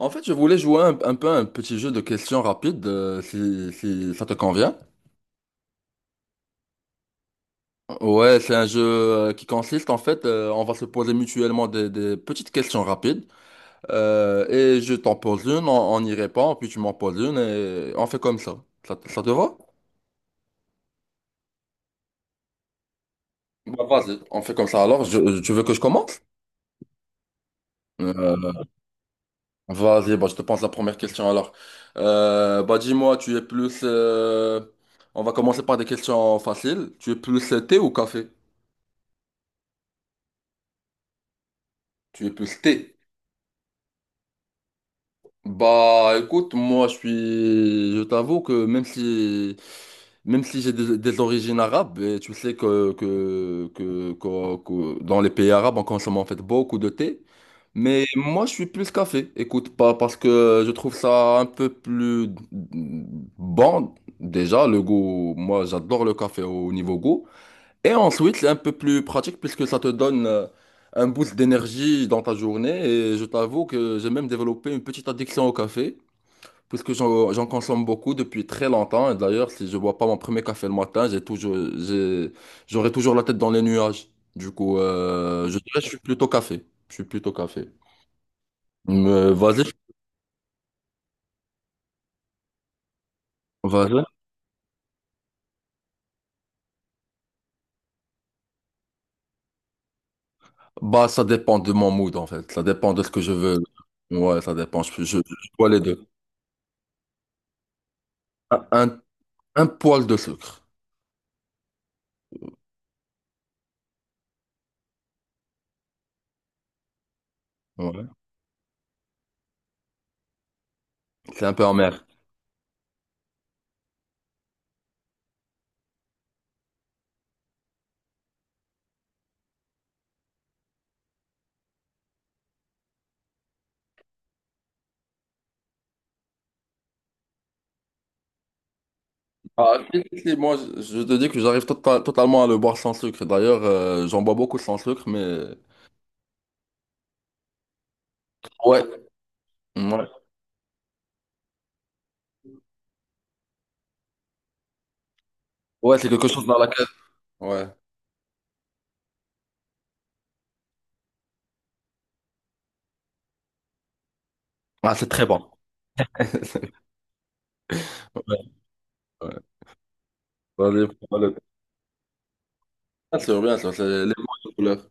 En fait, je voulais jouer un peu un petit jeu de questions rapides, si ça te convient. Ouais, c'est un jeu qui consiste en fait, on va se poser mutuellement des petites questions rapides, et je t'en pose une, on y répond, puis tu m'en poses une, et on fait comme ça. Ça te va? Bah, vas-y, on fait comme ça. Alors, tu veux que je commence? Euh, Vas-y, bah, je te pose la première question alors. Bah, dis-moi, on va commencer par des questions faciles. Tu es plus thé ou café? Tu es plus T. Bah écoute, moi je suis. Je t'avoue que même si j'ai des origines arabes, et tu sais que dans les pays arabes, on consomme en fait beaucoup de thé. Mais moi je suis plus café, écoute, pas parce que je trouve ça un peu plus bon. Déjà, le goût, moi j'adore le café au niveau goût. Et ensuite, c'est un peu plus pratique puisque ça te donne un boost d'énergie dans ta journée. Et je t'avoue que j'ai même développé une petite addiction au café, puisque j'en consomme beaucoup depuis très longtemps. Et d'ailleurs, si je bois pas mon premier café le matin, j'aurai toujours la tête dans les nuages. Du coup, je dirais que je suis plutôt café. Je suis plutôt café. Mais vas-y, vas-y. Bah, ça dépend de mon mood en fait. Ça dépend de ce que je veux. Ouais, ça dépend. Je bois les deux. Un, un un poil de sucre. Ouais. C'est un peu amer. Ah, si, si, si, moi, je te dis que j'arrive totalement à le boire sans sucre. D'ailleurs, j'en bois beaucoup sans sucre, mais. Ouais, ouais. Ouais, c'est quelque chose dans laquelle. Ouais. Ah, c'est très bon. Ouais, ouais. Dans les- dans le- bien sûr, c'est les bonnes couleurs.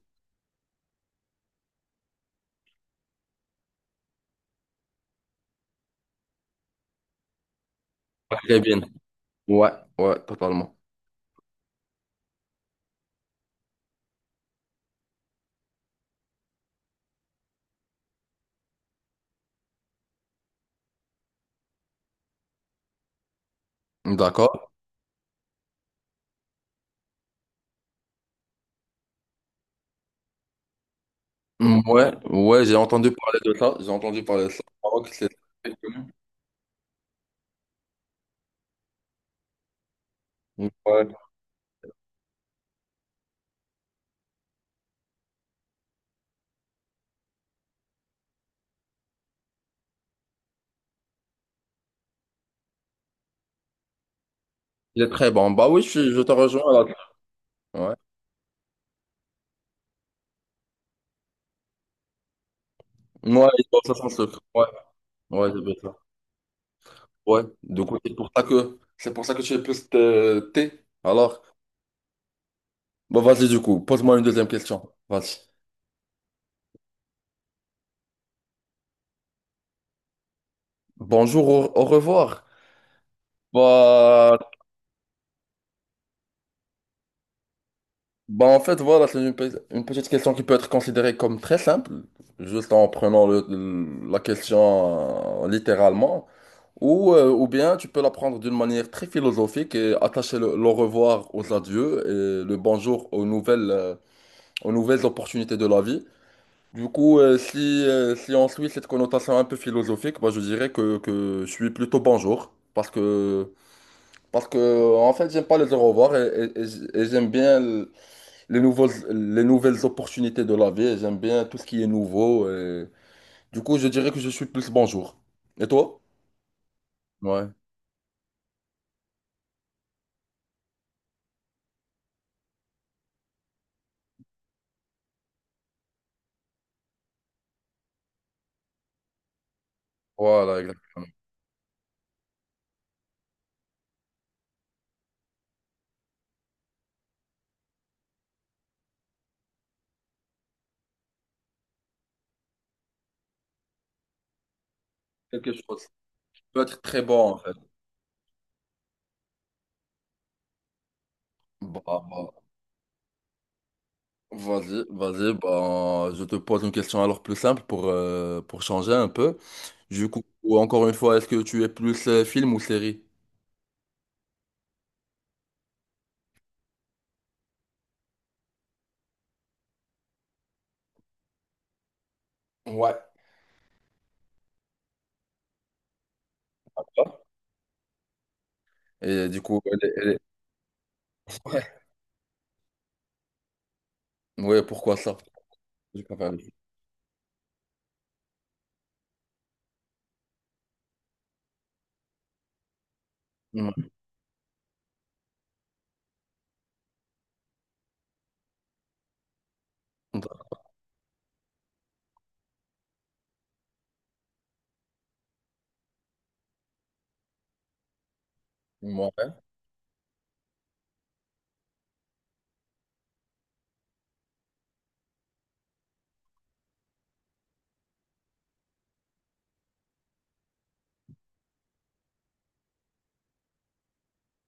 Très bien. Ouais, ouais, totalement. D'accord. Ouais, ouais, j'ai entendu parler de ça. J'ai entendu parler de ça. Au Maroc, c'est très connu. Ouais. Il est très bon. Bah oui, je te rejoins là. Ouais. Ouais, il boit ça sans sucre. Ouais, ouais, c'est bien ça. Ouais, du coup, c'est pour ça que tu es plus T. Alors, bah vas-y du coup, pose-moi une deuxième question. Vas-y. Bonjour, au revoir. Bah, bah, en fait, voilà, c'est une petite question qui peut être considérée comme très simple, juste en prenant la question littéralement, ou bien tu peux la prendre d'une manière très philosophique et attacher le revoir aux adieux et le bonjour aux nouvelles opportunités de la vie. Du coup, si on suit cette connotation un peu philosophique, bah, je dirais que je suis plutôt bonjour. Parce que en fait, j'aime pas les au revoir et, et j'aime bien les nouvelles opportunités de la vie. Et J'aime bien tout ce qui est nouveau. Du coup, je dirais que je suis plus bonjour. Et toi? Ouais, voilà, exactement. Quelque chose peut être très bon en fait. Bah, bah, Vas-y, vas-y, ben, je te pose une question alors plus simple pour changer un peu. Du coup, encore une fois, est-ce que tu es plus film ou série? Ouais. Et du coup, elle est- elle est- ouais, ouais, pourquoi ça? Je préfère les films. Mm. Ouais,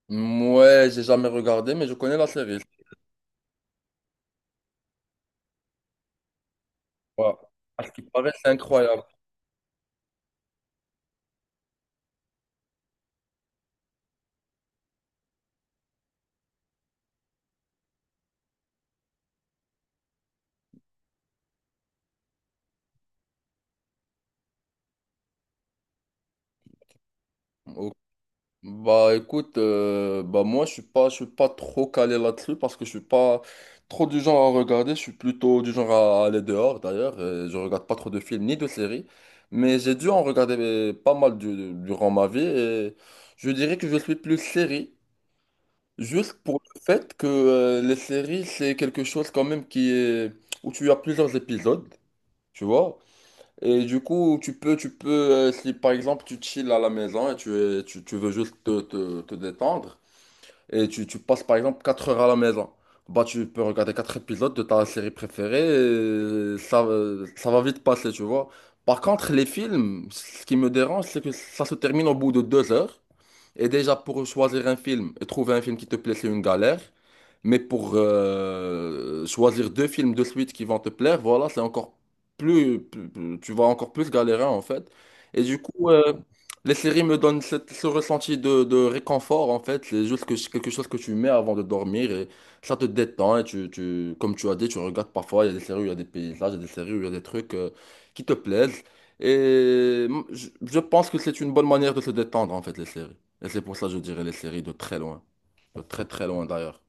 ouais, j'ai jamais regardé, mais je connais la série. Ouais. À ce qui paraît, c'est incroyable. Bah écoute, bah moi je suis pas, trop calé là-dessus parce que je suis pas trop du genre à regarder, je suis plutôt du genre à aller dehors d'ailleurs, je regarde pas trop de films ni de séries, mais j'ai dû en regarder pas mal durant ma vie et je dirais que je suis plus série, juste pour le fait que les séries c'est quelque chose quand même qui est où tu as plusieurs épisodes, tu vois. Et du coup, si par exemple tu chill à la maison et tu veux juste te détendre, et tu passes par exemple 4 heures à la maison. Bah, tu peux regarder 4 épisodes de ta série préférée et ça va vite passer, tu vois. Par contre, les films, ce qui me dérange, c'est que ça se termine au bout de 2 heures. Et déjà, pour choisir un film et trouver un film qui te plaît, c'est une galère. Mais pour choisir deux films de suite qui vont te plaire, voilà, c'est encore plus, tu vas encore plus galérer en fait. Et du coup, les séries me donnent ce ressenti de réconfort en fait. C'est juste que, quelque chose que tu mets avant de dormir et ça te détend. Et comme tu as dit, tu regardes parfois, il y a des séries où il y a des paysages, il y a des séries où il y a des trucs qui te plaisent. Et je pense que c'est une bonne manière de se détendre en fait, les séries. Et c'est pour ça que je dirais les séries de très loin. De très très loin d'ailleurs.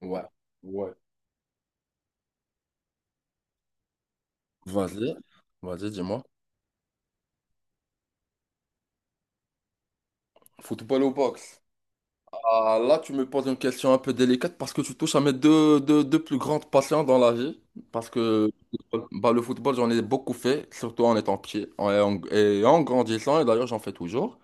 Ouais, ouais. Vas-y, vas-y, dis-moi. Football ou boxe? Ah, là, tu me poses une question un peu délicate parce que tu touches à mes deux plus grandes passions dans la vie. Parce que bah, le football, j'en ai beaucoup fait, surtout en étant petit et en grandissant. Et d'ailleurs, j'en fais toujours.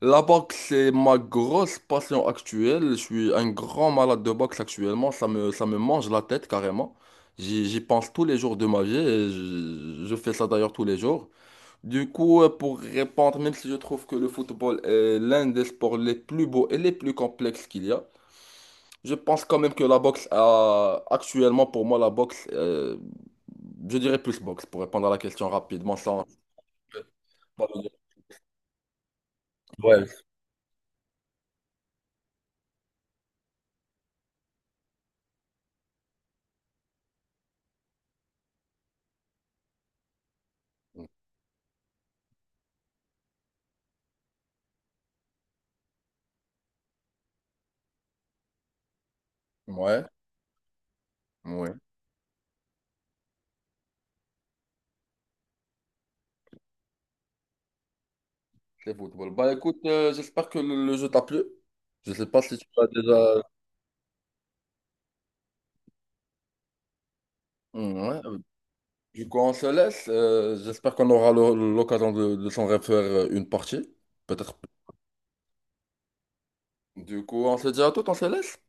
La boxe, c'est ma grosse passion actuelle. Je suis un grand malade de boxe actuellement. Ça me mange la tête carrément. J'y pense tous les jours de ma vie et je fais ça d'ailleurs tous les jours. Du coup, pour répondre, même si je trouve que le football est l'un des sports les plus beaux et les plus complexes qu'il y a, je pense quand même que la boxe a, actuellement pour moi, la boxe, je dirais plus boxe pour répondre à la question rapidement sans. Ouais. Ouais. Ouais. Le football. Bah écoute, j'espère que le jeu t'a plu. Je sais pas si tu l'as déjà. Mm, ouais. Du coup, on se laisse. J'espère qu'on aura l'occasion de s'en refaire une partie. Peut-être. Du coup, on se dit à tout, on se laisse.